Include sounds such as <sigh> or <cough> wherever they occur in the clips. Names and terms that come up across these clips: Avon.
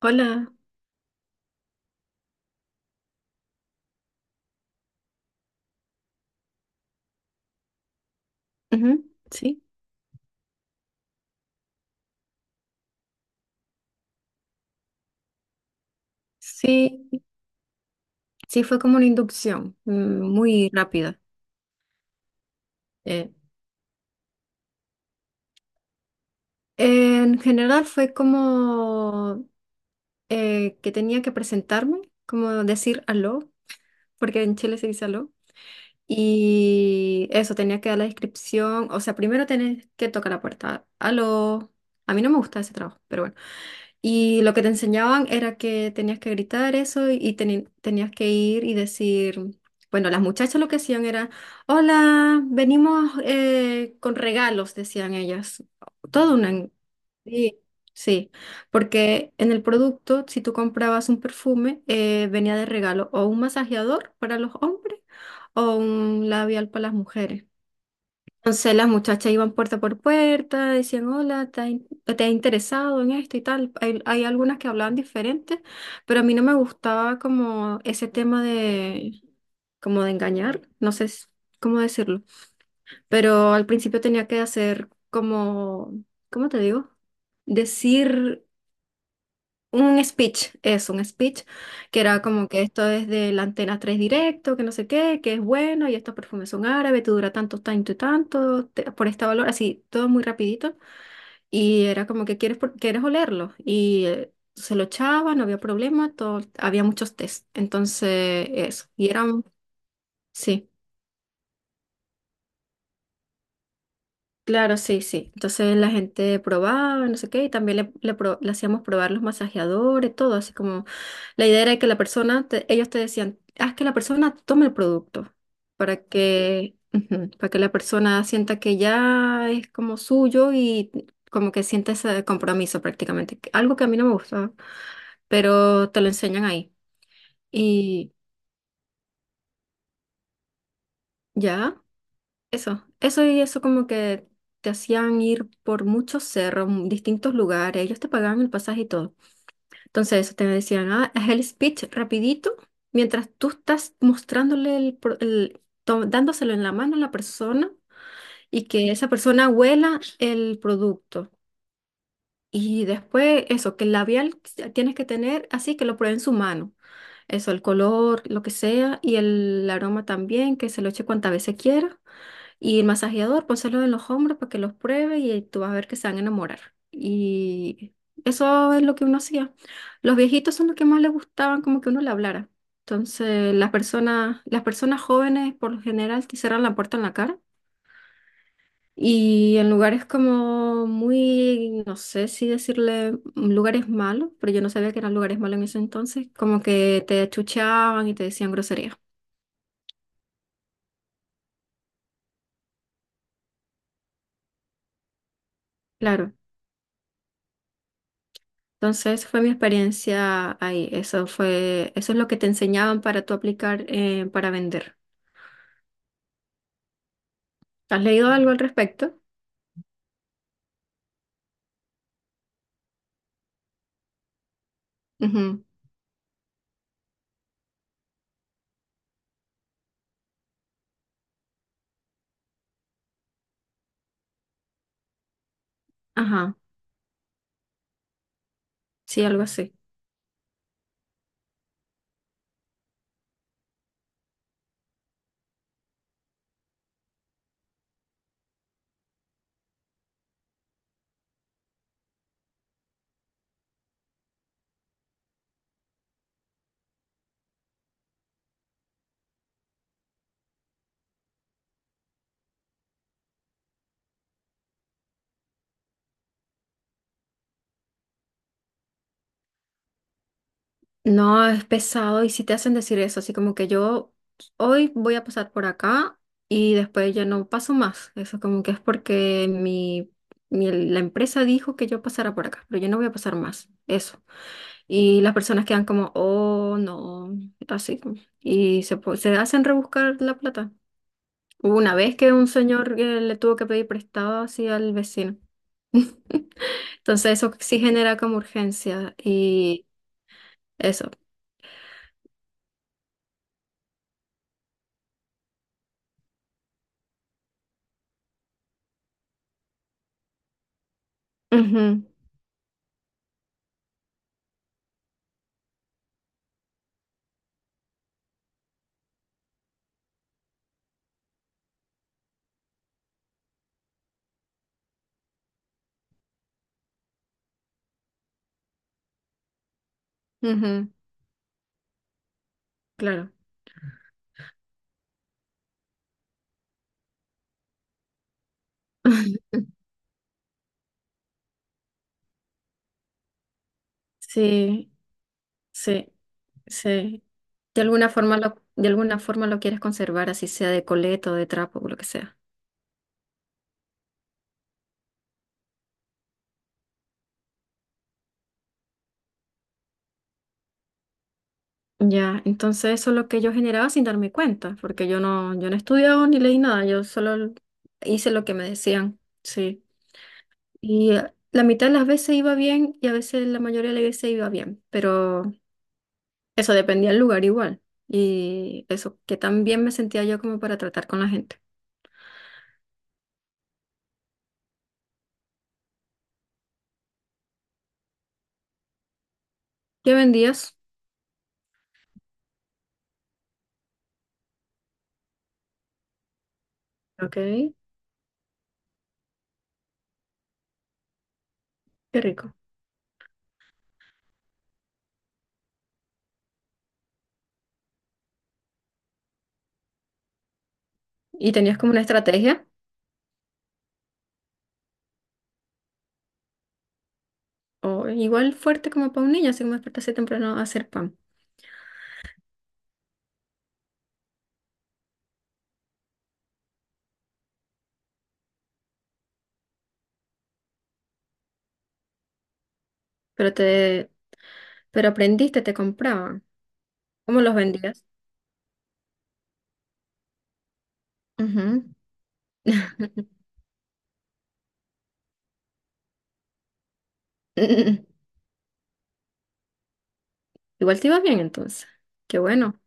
Hola. Ujú. Sí, sí, sí, fue como una inducción muy rápida. Eh, en general fue como que tenía que presentarme, como decir aló, porque en Chile se dice aló. Y eso, tenía que dar la descripción. O sea, primero tenés que tocar la puerta. Aló. A mí no me gusta ese trabajo, pero bueno. Y lo que te enseñaban era que tenías que gritar eso y tenías que ir y decir, bueno, las muchachas lo que hacían era, hola, venimos con regalos, decían ellas. Todo una... Sí, sí, porque en el producto, si tú comprabas un perfume, venía de regalo o un masajeador para los hombres o un labial para las mujeres. Entonces las muchachas iban puerta por puerta, decían, hola, ¿te ha interesado en esto y tal? Hay algunas que hablaban diferente, pero a mí no me gustaba como ese tema de, como de engañar, no sé s- cómo decirlo, pero al principio tenía que hacer como, ¿cómo te digo? Decir un speech, es un speech, que era como que esto es de la antena 3 directo, que no sé qué, que es bueno, y estos perfumes son árabes, te dura tanto, tanto y tanto, por este valor, así, todo muy rapidito. Y era como que quieres, quieres olerlo. Y se lo echaba, no había problema, todo, había muchos test. Entonces, eso. Y eran, sí. Claro, sí, sí. Entonces la gente probaba, no sé qué, y también le hacíamos probar los masajeadores, todo, así como la idea era que la persona, ellos te decían, haz que la persona tome el producto para que, ujú, para que la persona sienta que ya es como suyo y como que sienta ese compromiso prácticamente. Algo que a mí no me gusta, pero te lo enseñan ahí. Y ya. Eso y eso como que te hacían ir por muchos cerros, distintos lugares, ellos te pagaban el pasaje y todo. Entonces eso te decían, ah, haz el speech rapidito, mientras tú estás mostrándole el, pro- el- to- dándoselo en la mano a la persona y que esa persona huela el producto. Y después eso, que el labial tienes que tener así que lo pruebe en su mano. Eso, el color, lo que sea, y el aroma también, que se lo eche cuantas veces quiera. Y el masajeador, pónselo en los hombros para que los pruebe y tú vas a ver que se van a enamorar. Y eso es lo que uno hacía. Los viejitos son los que más les gustaban como que uno le hablara. Entonces, las personas jóvenes por lo general te cierran la puerta en la cara. Y en lugares como muy, no sé si decirle lugares malos, pero yo no sabía que eran lugares malos en ese entonces, como que te achuchaban y te decían groserías. Claro, entonces fue mi experiencia ahí. Eso fue, eso es lo que te enseñaban para tú aplicar para vender. ¿Has leído algo al respecto? Ujú. Ajá, sí, algo así. No, es pesado y si te hacen decir eso, así como que yo hoy voy a pasar por acá y después ya no paso más. Eso como que es porque mi, la empresa dijo que yo pasara por acá, pero yo no voy a pasar más. Eso. Y las personas quedan como, oh, no, así. Y se, se hacen rebuscar la plata. Hubo una vez que un señor le tuvo que pedir prestado así al vecino. <laughs> Entonces eso sí genera como urgencia y eso. Ujú, ujú, claro. <laughs> Sí, sí, sí. De alguna forma lo, de alguna forma lo quieres conservar, así sea de coleto, de trapo, o lo que sea. Ya, entonces eso es lo que yo generaba sin darme cuenta, porque yo no estudiaba ni leí nada, yo solo hice lo que me decían. Sí. Y la mitad de las veces iba bien y a veces la mayoría de las veces iba bien, pero eso dependía del lugar igual. Y eso, que tan bien me sentía yo como para tratar con la gente. ¿Qué vendías? Ok, qué rico. ¿Y tenías como una estrategia? O igual fuerte como para un niño, así como despertarse temprano a hacer pan. Pero te, pero aprendiste, te compraban. ¿Cómo los vendías? Ujú. <laughs> Igual te iba bien entonces. Qué bueno.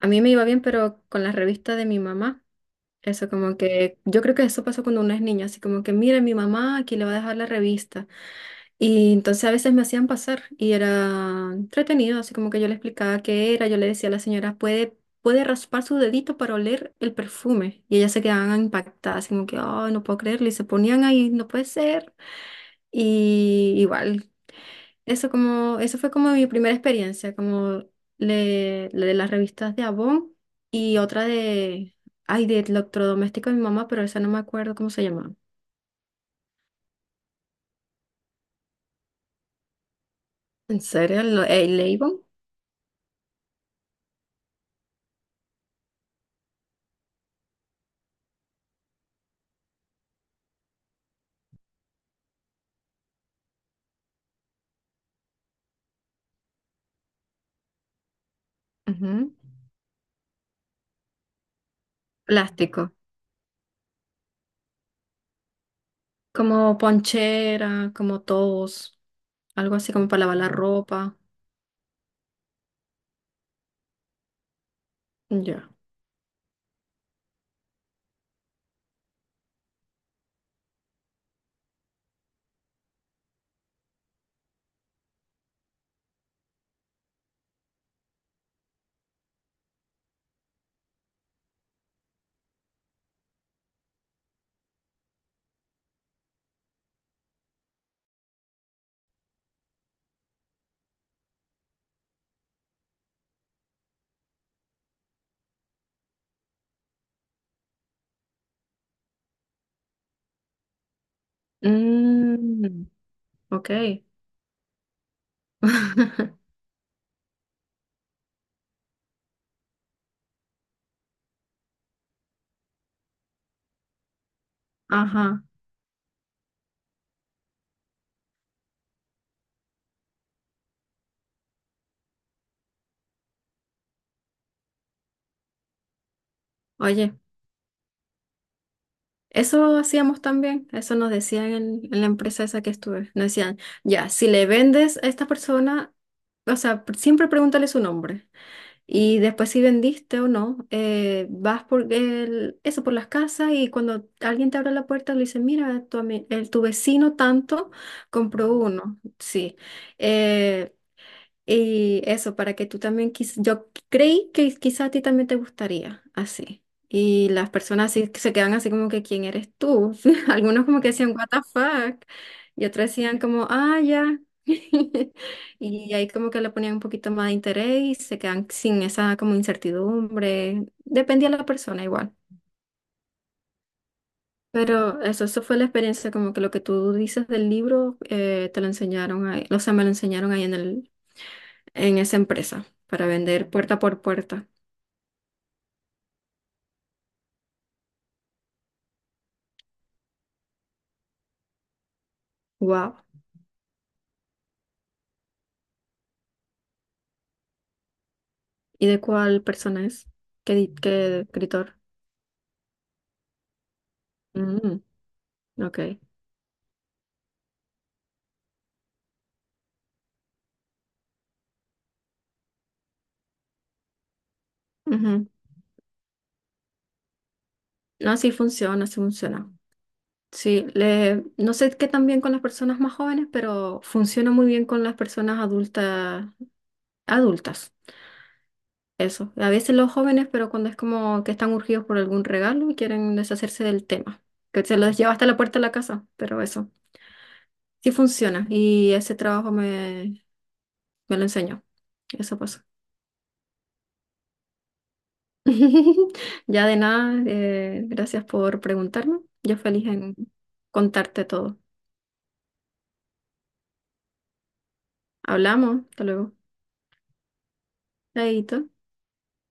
A mí me iba bien, pero con la revista de mi mamá. Eso como que, yo creo que eso pasó cuando uno es niño, así como que, mira, mi mamá aquí le va a dejar la revista. Y entonces a veces me hacían pasar y era entretenido, así como que yo le explicaba qué era, yo le decía a la señora, puede raspar su dedito para oler el perfume. Y ellas se quedaban impactadas, así como que, oh, no puedo creerlo. Y se ponían ahí, no puede ser. Y igual, eso como, eso fue como mi primera experiencia, como le de las revistas de Avon y otra de, ay, de electrodoméstico de mi mamá, pero esa no me acuerdo cómo se llamaba. ¿En serio? El Avon? Ujú. Plástico. Como ponchera, como tos, algo así como para lavar la ropa. Ya. Mm. Ok. <laughs> Ajá. Oye, eso hacíamos también, eso nos decían en la empresa esa que estuve. Nos decían, ya, si le vendes a esta persona, o sea, siempre pregúntale su nombre. Y después si vendiste o no, vas por eso por las casas y cuando alguien te abre la puerta le dice, mira, tu vecino tanto compró uno. Sí. eh, y eso, para que tú también, yo creí que quizá a ti también te gustaría, así. Y las personas así que se quedan así como que, ¿quién eres tú? <laughs> Algunos como que decían, what the fuck? Y otros decían como, ah, ya. <laughs> Y ahí como que le ponían un poquito más de interés y se quedan sin esa como incertidumbre. Dependía de la persona igual. Pero eso fue la experiencia, como que lo que tú dices del libro, te lo enseñaron ahí, o sea, me lo enseñaron ahí en esa empresa para vender puerta por puerta. Wow. ¿Y de cuál persona es? ¿Qué escritor? Mm, ok. Ujú. No, sí funciona, sí funciona. Sí, le, no sé qué tan bien con las personas más jóvenes, pero funciona muy bien con las personas adultas, adultas. Eso. A veces los jóvenes, pero cuando es como que están urgidos por algún regalo y quieren deshacerse del tema, que se los lleva hasta la puerta de la casa, pero eso. Sí funciona y ese trabajo me me lo enseñó. Eso pasó. <laughs> Ya de nada, gracias por preguntarme. Yo feliz en contarte todo. Hablamos, hasta luego. Chaito.